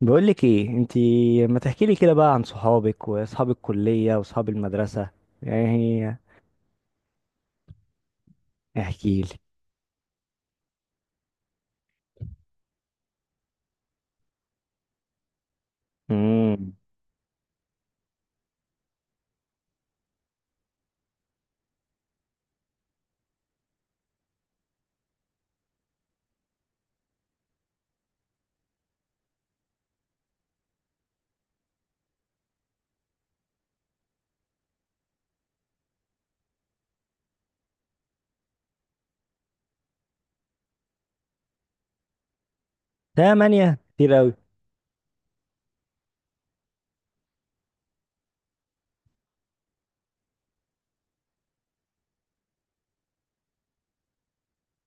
بقولك ايه انتي؟ ما تحكيلي كده بقى عن صحابك واصحاب الكلية واصحاب المدرسة. يعني احكيلي. امم تمانية كتير اوي.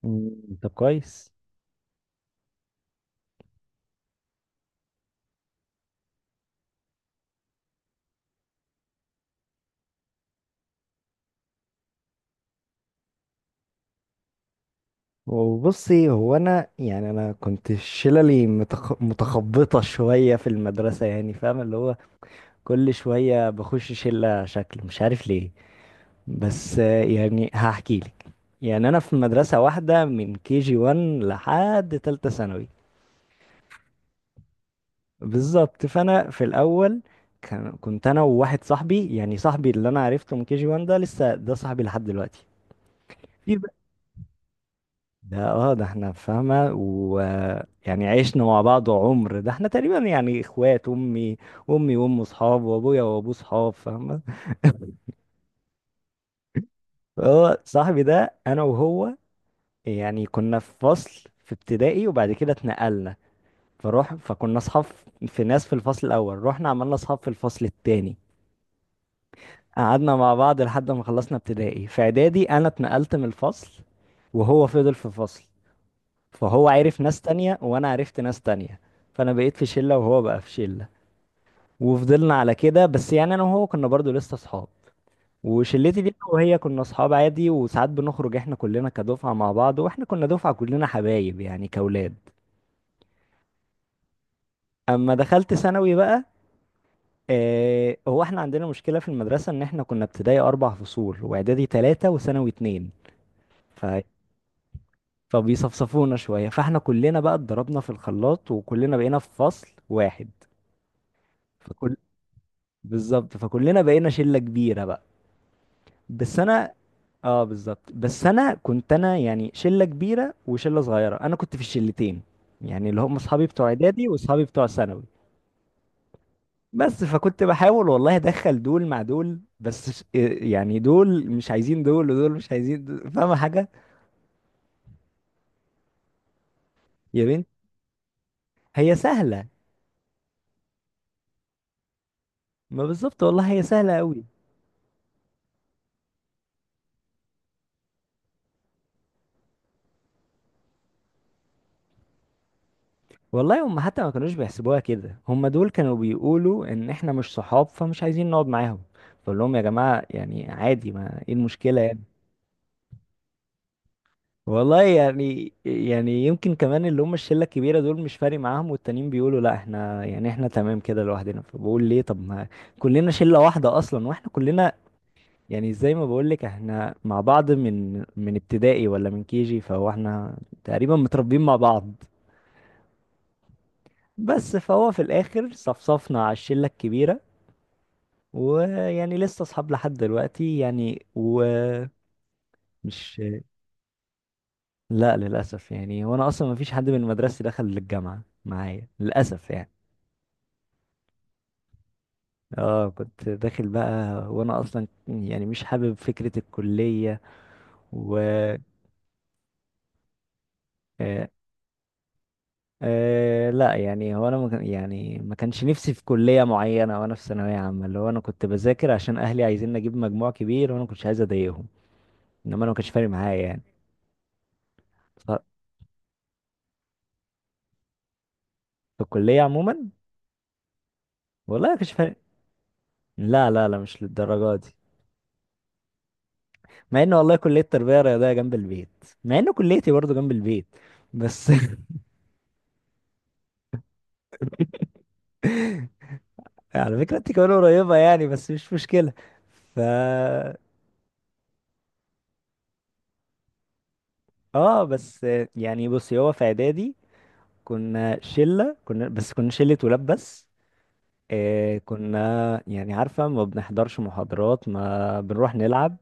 مم. طب كويس. وبصي، هو انا كنت شللي متخبطة شوية في المدرسة، يعني فاهم؟ اللي هو كل شوية بخش شلة شكل، مش عارف ليه. بس يعني هحكيلك. يعني انا في مدرسة واحدة من كي جي 1 لحد تالتة ثانوي. بالظبط. فانا في الاول كنت انا وواحد صاحبي، يعني صاحبي اللي انا عرفته من كي جي 1 ده، لسه ده صاحبي لحد دلوقتي. في بقى- ده، ده احنا فاهمه، ويعني عشنا مع بعض عمر، ده احنا تقريبا يعني اخوات امي وامه صحاب وابويا وابوه صحاب، فاهمه؟ هو صاحبي ده انا وهو يعني كنا في فصل في ابتدائي، وبعد كده اتنقلنا، فروح فكنا اصحاب. في ناس في الفصل الاول، رحنا عملنا اصحاب في الفصل التاني. قعدنا مع بعض لحد ما خلصنا ابتدائي. في اعدادي انا اتنقلت من الفصل، وهو فضل في فصل، فهو عرف ناس تانية وانا عرفت ناس تانية، فانا بقيت في شلة وهو بقى في شلة. وفضلنا على كده، بس يعني انا وهو كنا برضو لسه اصحاب. وشلتي دي أنا وهي كنا اصحاب عادي، وساعات بنخرج احنا كلنا كدفعة مع بعض، واحنا كنا دفعة كلنا حبايب يعني كاولاد. اما دخلت ثانوي بقى، هو احنا عندنا مشكلة في المدرسة، ان احنا كنا ابتدائي اربع فصول، واعدادي ثلاثة، وثانوي اتنين. فبيصفصفونا شوية، فاحنا كلنا بقى اتضربنا في الخلاط، وكلنا بقينا في فصل واحد. فكل بالظبط، فكلنا بقينا شلة كبيرة بقى. بس انا. اه، بالظبط. بس انا كنت، انا يعني شلة كبيرة وشلة صغيرة، انا كنت في الشلتين، يعني اللي هم اصحابي بتوع اعدادي واصحابي بتوع ثانوي. بس فكنت بحاول والله ادخل دول مع دول، بس يعني دول مش عايزين دول ودول مش عايزين دول. فاهمة حاجة؟ يا بنت، هي سهلة. ما بالظبط والله، هي سهلة قوي. والله هم حتى ما كانوش بيحسبوها كده، هم دول كانوا بيقولوا ان احنا مش صحاب فمش عايزين نقعد معاهم، بقول لهم يا جماعة يعني عادي، ما ايه المشكلة يعني؟ والله يعني يمكن كمان اللي هم الشلة الكبيرة دول مش فارق معاهم، والتانيين بيقولوا لا، احنا يعني احنا تمام كده لوحدنا، فبقول ليه؟ طب ما كلنا شلة واحدة اصلا، واحنا كلنا يعني زي ما بقول لك احنا مع بعض من ابتدائي، ولا من كيجي، فهو احنا تقريبا متربيين مع بعض. بس فهو في الاخر صفصفنا على الشلة الكبيرة، ويعني لسه اصحاب لحد دلوقتي يعني، ومش. لا للاسف، يعني وانا اصلا ما فيش حد من مدرستي دخل الجامعه معايا للاسف يعني. اه كنت داخل بقى، وانا اصلا يعني مش حابب فكره الكليه و آه لا. يعني هو انا ما كان- يعني ما كانش نفسي في كليه معينه، وانا في ثانويه عامه اللي هو انا كنت بذاكر عشان اهلي عايزين اجيب مجموع كبير، وانا ما كنتش عايز اضايقهم، انما انا ما كانش فارق معايا يعني. ف- في الكليه عموما. والله ما كانش فارق. لا لا لا، مش للدرجة دي. مع ان والله كلية تربية رياضية جنب البيت، مع ان كليتي برضو جنب البيت بس على فكرة انت كمان قريبة يعني، بس مش مشكلة. ف اه، بس يعني، بصي هو في اعدادي كنا شلة ولاد بس. كنا يعني عارفة، ما بنحضرش محاضرات، ما بنروح نلعب.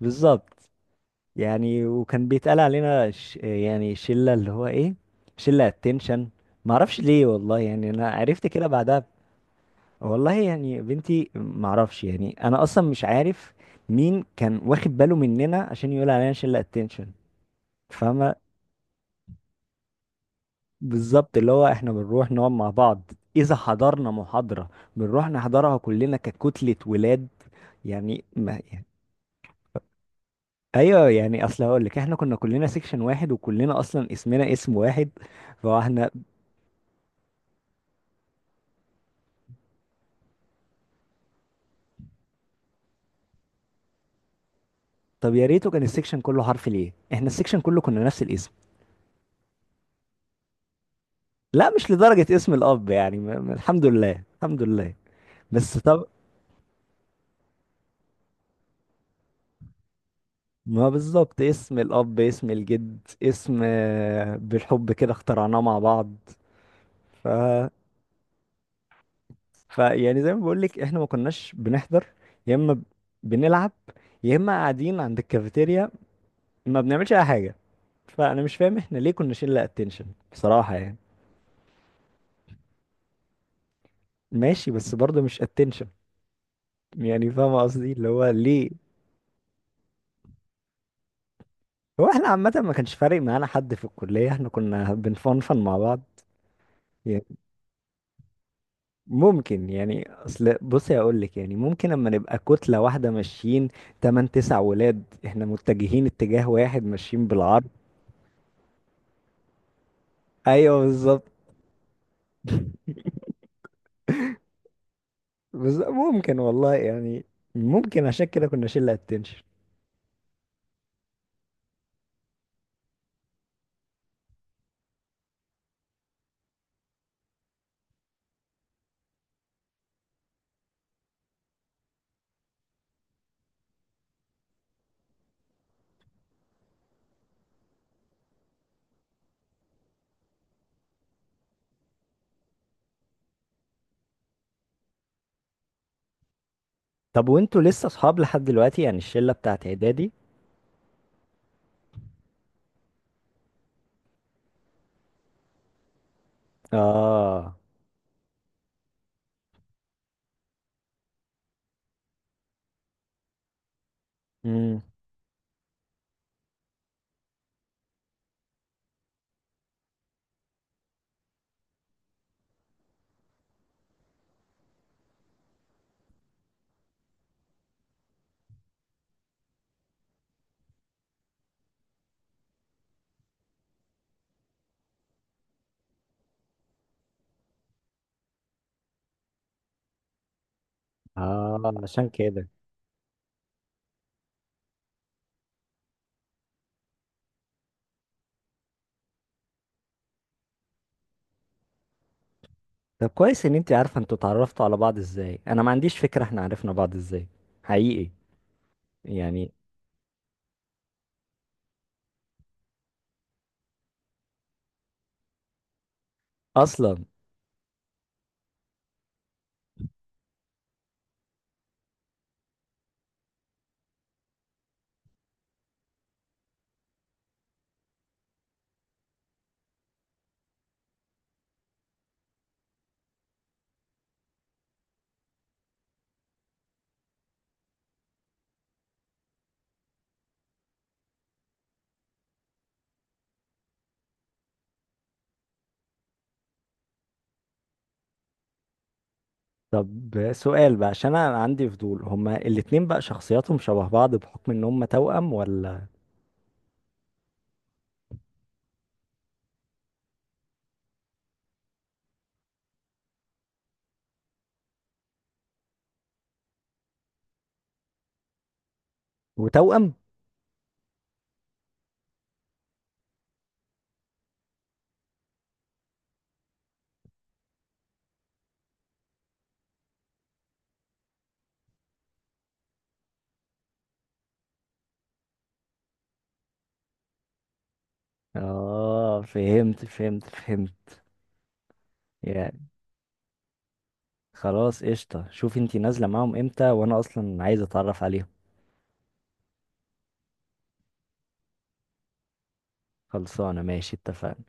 بالظبط. يعني وكان بيتقال علينا يعني شلة اللي هو ايه، شلة اتنشن. معرفش ليه والله، يعني انا عرفت كده بعدها. والله يعني بنتي معرفش، يعني انا اصلا مش عارف مين كان واخد باله مننا عشان يقول علينا شلة اتنشن، فاهمة؟ بالظبط. اللي هو احنا بنروح نقعد مع بعض، اذا حضرنا محاضرة بنروح نحضرها كلنا ككتلة ولاد، يعني ما يعني. ايوه، يعني اصل هقول لك احنا كنا كلنا سيكشن واحد، وكلنا اصلا اسمنا اسم واحد، فاحنا. طب يا ريته كان السكشن كله حرف، ليه احنا السكشن كله كنا نفس الاسم؟ لا، مش لدرجة اسم الاب، يعني الحمد لله، الحمد لله. بس طب. ما بالظبط، اسم الاب، اسم الجد، اسم، بالحب كده اخترعناه مع بعض. ف... ف يعني زي ما بقول لك احنا ما كناش بنحضر، يا اما بنلعب، يا اما قاعدين عند الكافيتيريا، ما بنعملش اي حاجة. فانا مش فاهم احنا ليه كنا شلة اتنشن بصراحة يعني. ماشي، بس برضه مش اتنشن. يعني فاهم قصدي، اللي هو ليه. هو احنا عامة ما كانش فارق معانا حد في الكلية، احنا كنا بنفنفن مع بعض. يعني ممكن يعني، اصل بصي اقول لك، يعني ممكن لما نبقى كتلة واحدة ماشيين تمن تسع ولاد، احنا متجهين اتجاه واحد ماشيين بالعرض. ايوه بالظبط. بس ممكن والله يعني، ممكن عشان كده كنا شلة اتنشن. طب وانتوا لسه اصحاب لحد دلوقتي، يعني الشلة بتاعت اعدادي؟ اه. امم اه، عشان كده. طب كويس ان انت عارفه انتوا اتعرفتوا على بعض ازاي، انا ما عنديش فكره احنا عرفنا بعض ازاي حقيقي يعني. اصلا. طب سؤال بقى، عشان انا عندي فضول، هما الاتنين بقى شخصياتهم شبه بعض بحكم ان هما توأم، ولا؟ وتوأم. اه، فهمت فهمت فهمت. يعني خلاص قشطه، شوف انت نازله معاهم امتى وانا اصلا عايز اتعرف عليهم. خلصانه، ماشي، اتفقنا.